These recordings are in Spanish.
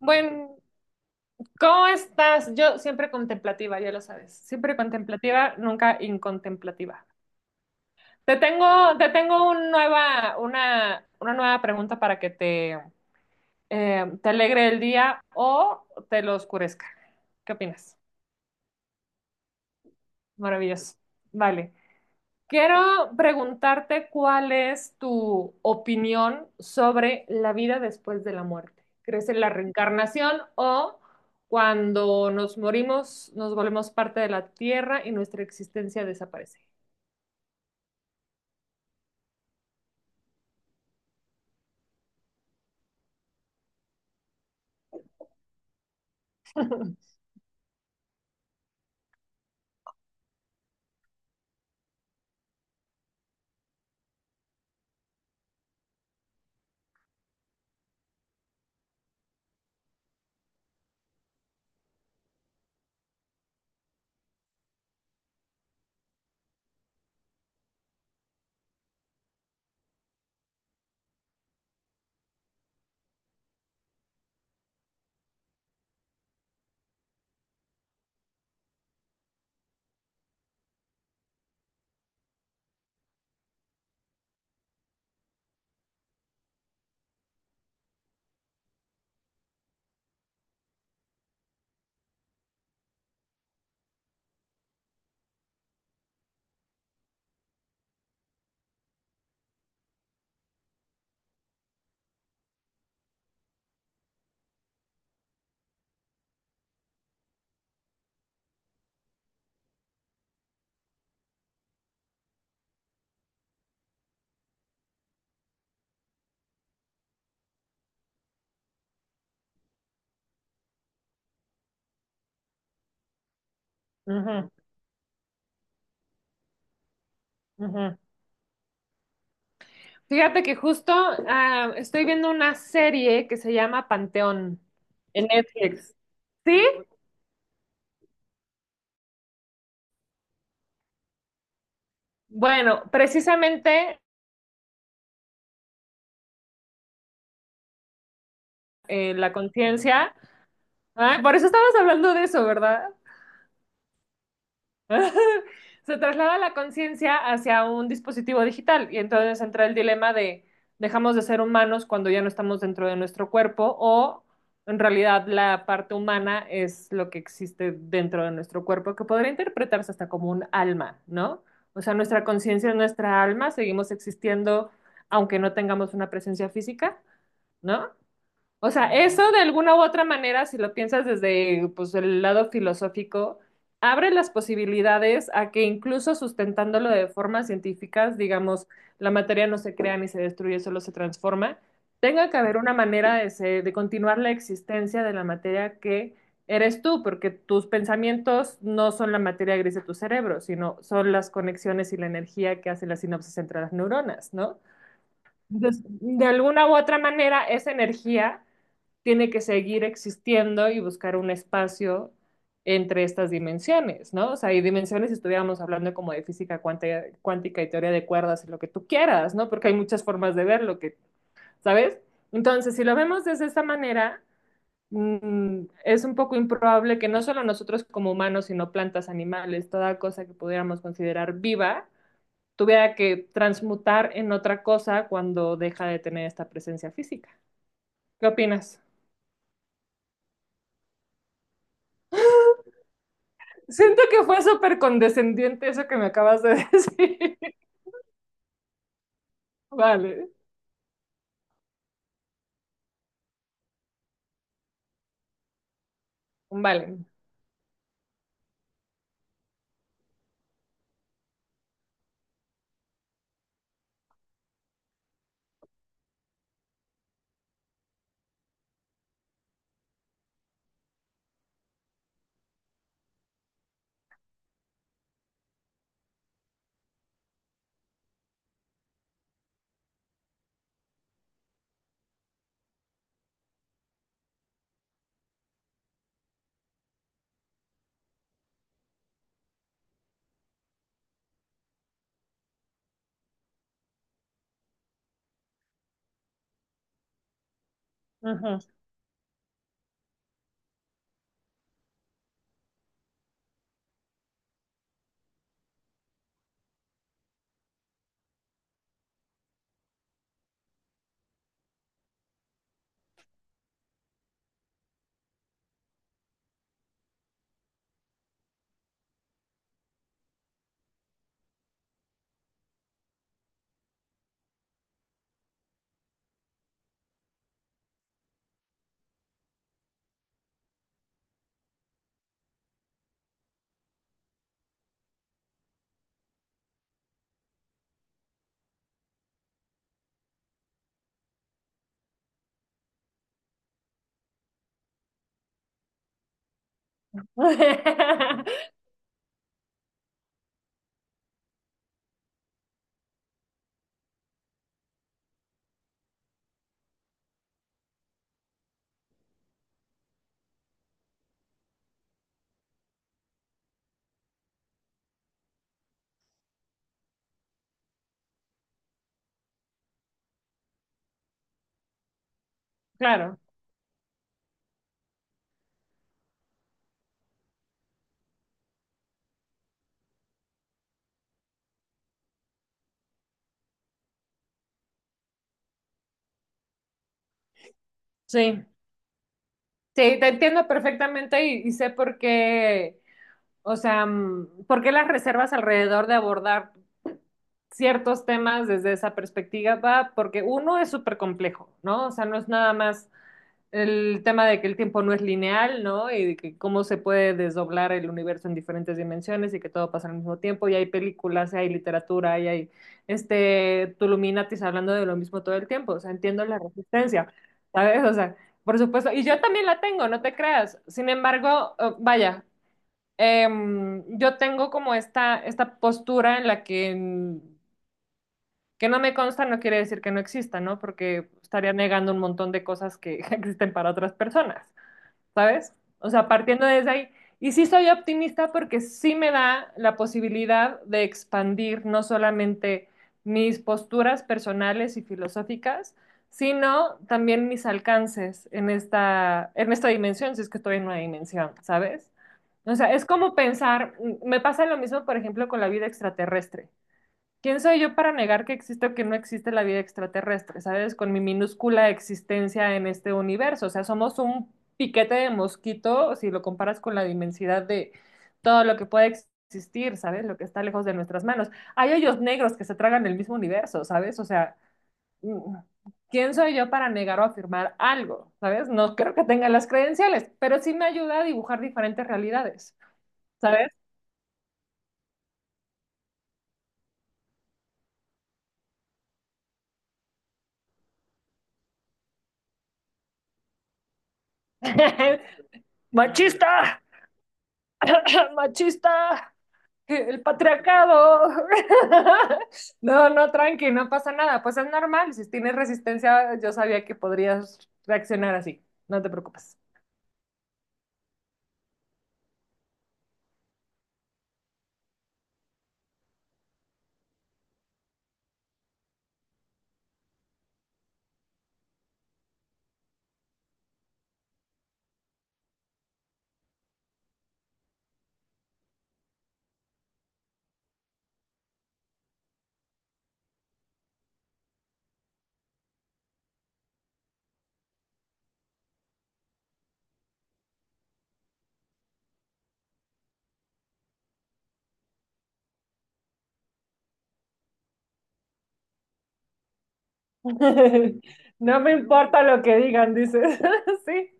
Bueno, ¿cómo estás? Yo siempre contemplativa, ya lo sabes. Siempre contemplativa, nunca incontemplativa. Te tengo una nueva pregunta para que te alegre el día o te lo oscurezca. ¿Qué opinas? Maravilloso. Vale. Quiero preguntarte cuál es tu opinión sobre la vida después de la muerte. ¿Crees en la reencarnación o cuando nos morimos nos volvemos parte de la tierra y nuestra existencia desaparece? Ujú, ujú. Fíjate que estoy viendo una serie que se llama Panteón en Netflix. ¿Sí? Bueno, precisamente la conciencia. Ay, por eso estabas hablando de eso, ¿verdad? Se traslada la conciencia hacia un dispositivo digital y entonces entra el dilema de dejamos de ser humanos cuando ya no estamos dentro de nuestro cuerpo o en realidad la parte humana es lo que existe dentro de nuestro cuerpo, que podría interpretarse hasta como un alma, ¿no? O sea, nuestra conciencia es nuestra alma, seguimos existiendo aunque no tengamos una presencia física, ¿no? O sea, eso de alguna u otra manera, si lo piensas desde pues, el lado filosófico, abre las posibilidades a que incluso sustentándolo de formas científicas, digamos, la materia no se crea ni se destruye, solo se transforma, tenga que haber una manera de, de continuar la existencia de la materia que eres tú, porque tus pensamientos no son la materia gris de tu cerebro, sino son las conexiones y la energía que hacen las sinapsis entre las neuronas, ¿no? Entonces, de alguna u otra manera, esa energía tiene que seguir existiendo y buscar un espacio entre estas dimensiones, ¿no? O sea, hay dimensiones si estuviéramos hablando como de física cuántica, cuántica y teoría de cuerdas y lo que tú quieras, ¿no? Porque hay muchas formas de verlo, que, ¿sabes? Entonces, si lo vemos desde esta manera, es un poco improbable que no solo nosotros como humanos, sino plantas, animales, toda cosa que pudiéramos considerar viva, tuviera que transmutar en otra cosa cuando deja de tener esta presencia física. ¿Qué opinas? Siento que fue súper condescendiente eso que me acabas de decir. Vale, vale. Ajá. Claro, sí. Sí, te entiendo perfectamente y sé por qué, o sea, por qué las reservas alrededor de abordar ciertos temas desde esa perspectiva, va, porque uno es súper complejo, ¿no? O sea, no es nada más el tema de que el tiempo no es lineal, ¿no? Y de que cómo se puede desdoblar el universo en diferentes dimensiones y que todo pasa al mismo tiempo. Y hay películas, y hay literatura, y hay este Tuluminatis hablando de lo mismo todo el tiempo. O sea, entiendo la resistencia, ¿sabes? O sea, por supuesto. Y yo también la tengo, no te creas. Sin embargo, vaya, yo tengo como esta postura en la que, que no me consta, no quiere decir que no exista, ¿no? Porque estaría negando un montón de cosas que existen para otras personas. ¿Sabes? O sea, partiendo desde ahí. Y sí soy optimista porque sí me da la posibilidad de expandir no solamente mis posturas personales y filosóficas, sino también mis alcances en esta dimensión, si es que estoy en una dimensión, ¿sabes? O sea, es como pensar, me pasa lo mismo, por ejemplo, con la vida extraterrestre. ¿Quién soy yo para negar que existe o que no existe la vida extraterrestre? ¿Sabes? Con mi minúscula existencia en este universo. O sea, somos un piquete de mosquito si lo comparas con la inmensidad de todo lo que puede existir, ¿sabes? Lo que está lejos de nuestras manos. Hay hoyos negros que se tragan el mismo universo, ¿sabes? O sea, mm, ¿quién soy yo para negar o afirmar algo? ¿Sabes? No creo que tenga las credenciales, pero sí me ayuda a dibujar diferentes realidades, ¿sabes? ¡Machista! ¡Machista! El patriarcado. No, no, tranqui, no pasa nada. Pues es normal. Si tienes resistencia, yo sabía que podrías reaccionar así. No te preocupes. No me importa lo que digan, dices. Sí,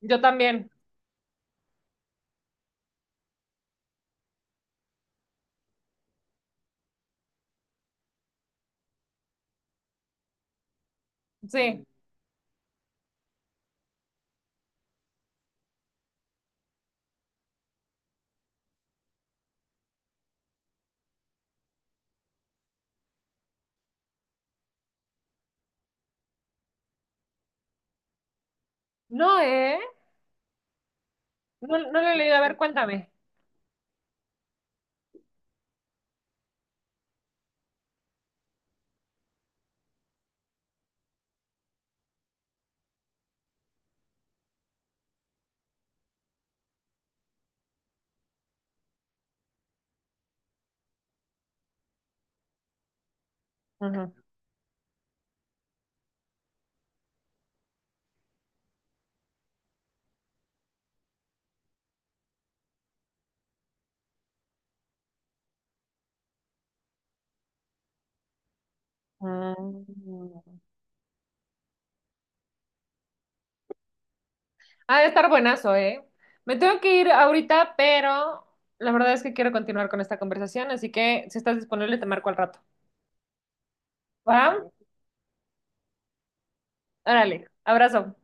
yo también. Sí. No, ¿eh? No, no lo he leído. A ver, cuéntame. Ujú. Mm. Ha de estar buenazo, ¿eh? Me tengo que ir ahorita, pero la verdad es que quiero continuar con esta conversación, así que si estás disponible, te marco al rato. ¿Va? Órale, abrazo.